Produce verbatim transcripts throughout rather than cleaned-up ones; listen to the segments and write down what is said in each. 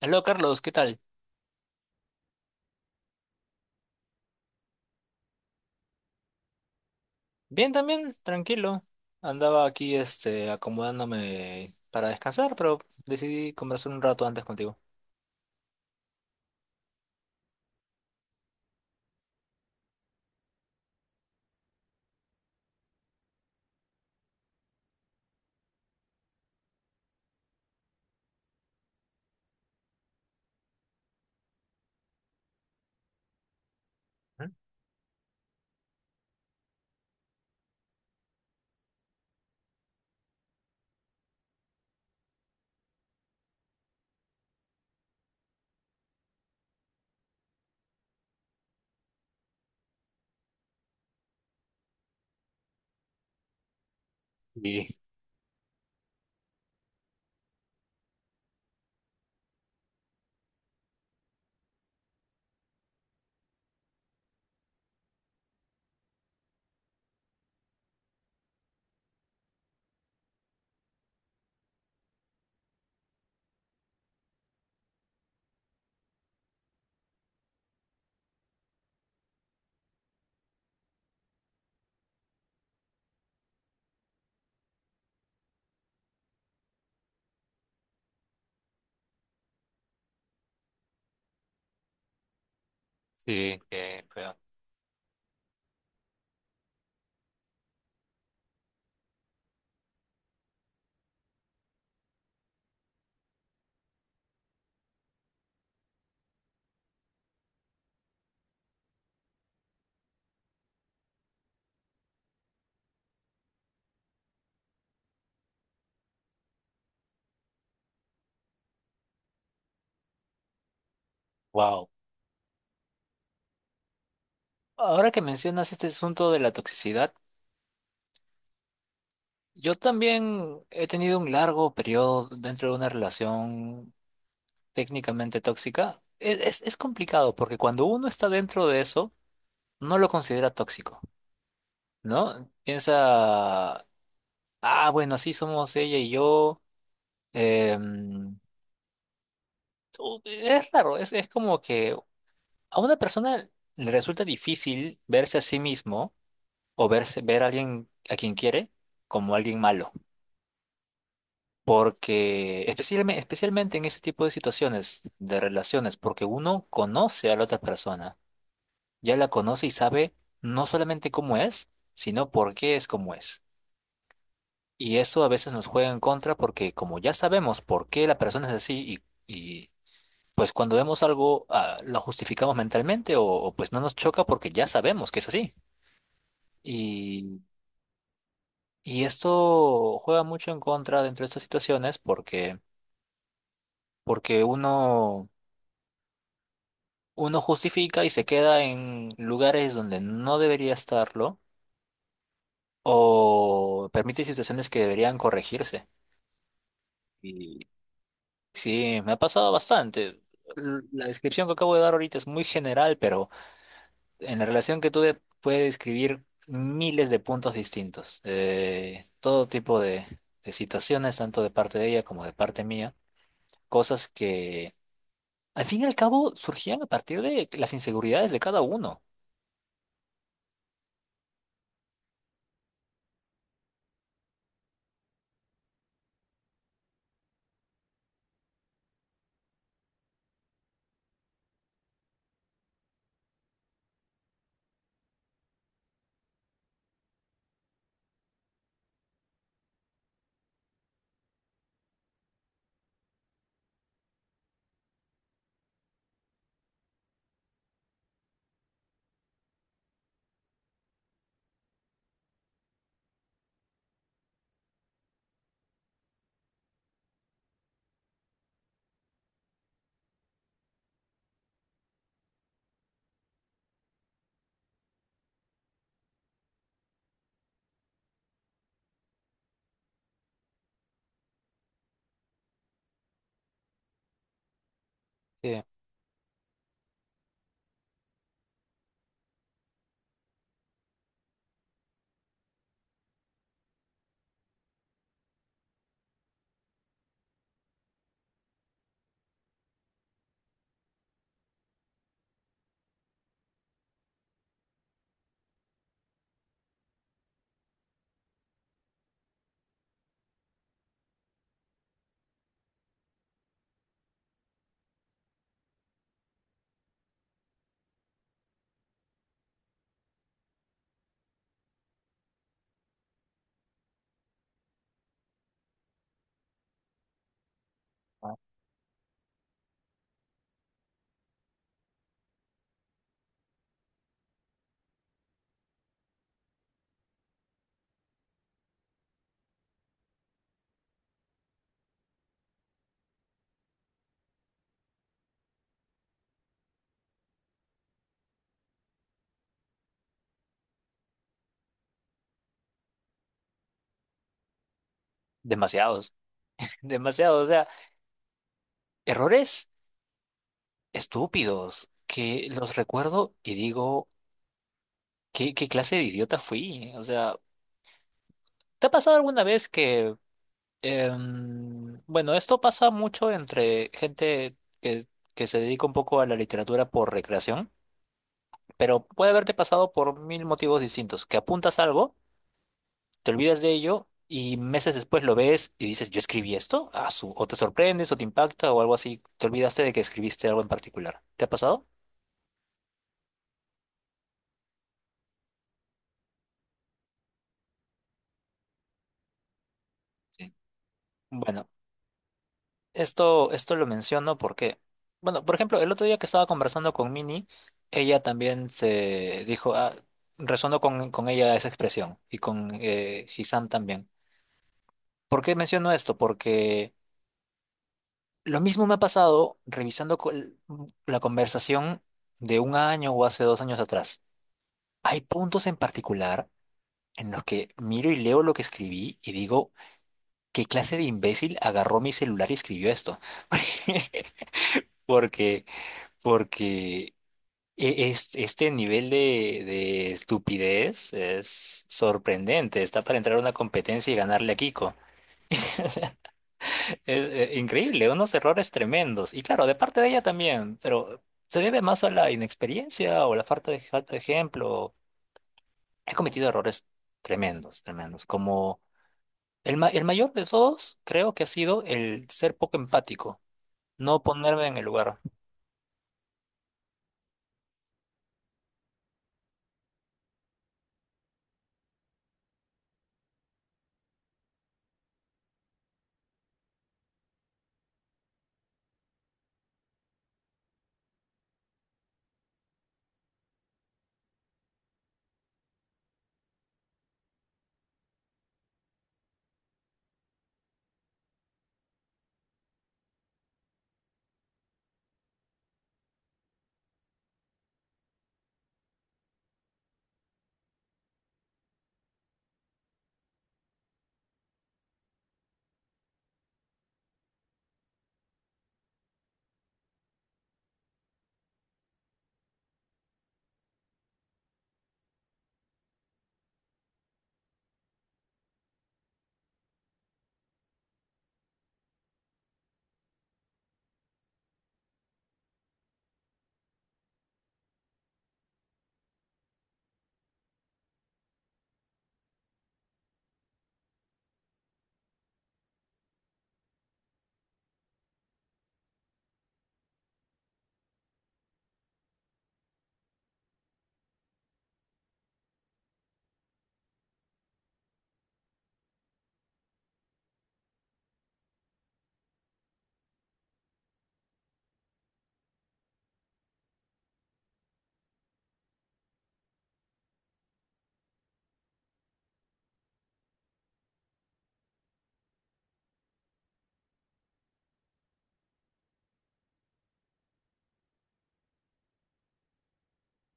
Aló Carlos, ¿qué tal? Bien también, tranquilo. Andaba aquí este acomodándome para descansar, pero decidí conversar un rato antes contigo. Sí, qué feo. Wow. Ahora que mencionas este asunto de la toxicidad, yo también he tenido un largo periodo dentro de una relación técnicamente tóxica. Es, es, es complicado porque cuando uno está dentro de eso, no lo considera tóxico, ¿no? Piensa, ah, bueno, así somos ella y yo. em, u- Es raro, es, es como que a una persona le resulta difícil verse a sí mismo o verse, ver a alguien a quien quiere como alguien malo, porque especialmente, especialmente en ese tipo de situaciones, de relaciones, porque uno conoce a la otra persona, ya la conoce y sabe no solamente cómo es, sino por qué es como es. Y eso a veces nos juega en contra porque como ya sabemos por qué la persona es así y pues cuando vemos algo, ah, lo justificamos mentalmente o, o pues no nos choca porque ya sabemos que es así. Y, y esto juega mucho en contra dentro de estas situaciones porque, porque uno, uno justifica y se queda en lugares donde no debería estarlo o permite situaciones que deberían corregirse. Y sí, me ha pasado bastante. L- La descripción que acabo de dar ahorita es muy general, pero en la relación que tuve puede describir miles de puntos distintos, eh, todo tipo de, de situaciones, tanto de parte de ella como de parte mía, cosas que al fin y al cabo surgían a partir de las inseguridades de cada uno. Eh, Demasiados, demasiados, o sea, errores estúpidos que los recuerdo y digo, ¿qué, ¿qué clase de idiota fui? O sea, ¿te ha pasado alguna vez que Em, bueno, esto pasa mucho entre gente que, que se dedica un poco a la literatura por recreación, pero puede haberte pasado por mil motivos distintos, que apuntas algo, te olvidas de ello y meses después lo ves y dices, yo escribí esto, ah, su, o te sorprendes o te impacta o algo así, te olvidaste de que escribiste algo en particular. ¿Te ha pasado? Sí. Bueno, Esto, esto lo menciono porque, bueno, por ejemplo, el otro día que estaba conversando con Mini, ella también se dijo, ah, resonó con, con ella esa expresión y con eh, Hisam también. ¿Por qué menciono esto? Porque lo mismo me ha pasado revisando co- la conversación de un año o hace dos años atrás. Hay puntos en particular en los que miro y leo lo que escribí y digo, ¿qué clase de imbécil agarró mi celular y escribió esto? Porque, porque E- es- este nivel de, de estupidez es sorprendente. Está para entrar a una competencia y ganarle a Kiko. Es, eh, increíble, unos errores tremendos. Y claro, de parte de ella también, pero se debe más a la inexperiencia o la falta de, falta de ejemplo. He cometido errores tremendos, tremendos. Como el, ma- el mayor de todos, creo que ha sido el ser poco empático, no ponerme en el lugar.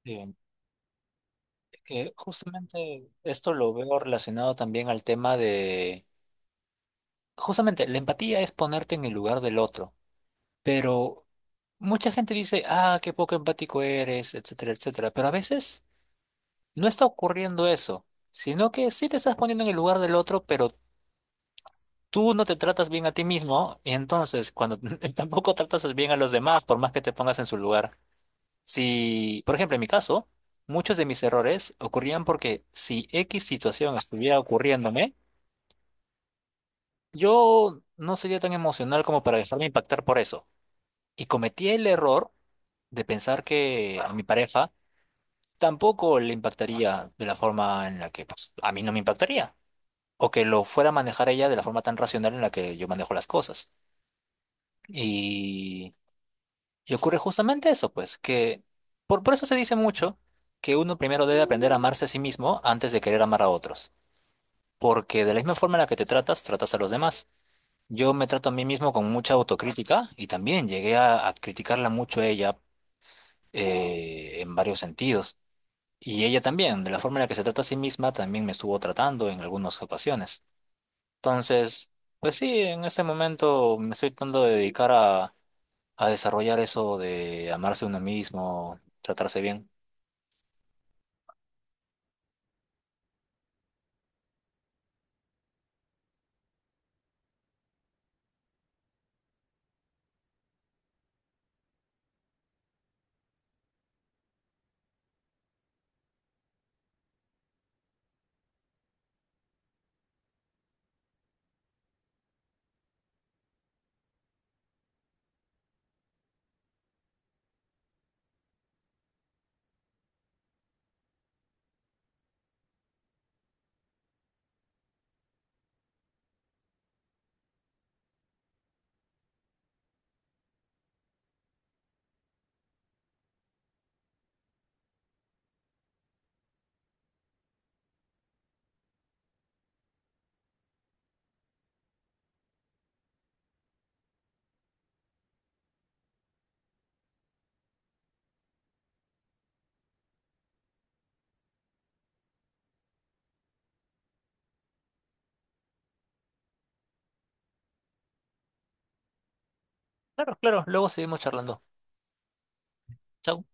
Bien, que justamente esto lo veo relacionado también al tema. Justamente, la empatía es ponerte en el lugar del otro, pero mucha gente dice, ah, qué poco empático eres, etcétera, etcétera, pero a veces no está ocurriendo eso, sino que sí te estás poniendo en el lugar del otro, pero tú no te tratas bien a ti mismo, y entonces cuando tampoco tratas bien a los demás, por más que te pongas en su lugar. Si, por ejemplo, en mi caso, muchos de mis errores ocurrían porque si X situación estuviera ocurriéndome, yo no sería tan emocional como para dejarme impactar por eso. Y cometí el error de pensar que a mi pareja tampoco le impactaría de la forma en la que pues, a mí no me impactaría. O que lo fuera a manejar ella de la forma tan racional en la que yo manejo las cosas. Y, y ocurre justamente eso, pues, que por, por eso se dice mucho que uno primero debe aprender a amarse a sí mismo antes de querer amar a otros. Porque de la misma forma en la que te tratas, tratas a los demás. Yo me trato a mí mismo con mucha autocrítica y también llegué a, a criticarla mucho a ella eh, en varios sentidos. Y ella también, de la forma en la que se trata a sí misma, también me estuvo tratando en algunas ocasiones. Entonces, pues sí, en este momento me estoy tratando de dedicar a, a desarrollar eso de amarse uno mismo, tratarse bien. Claro, claro, luego seguimos charlando. Chao.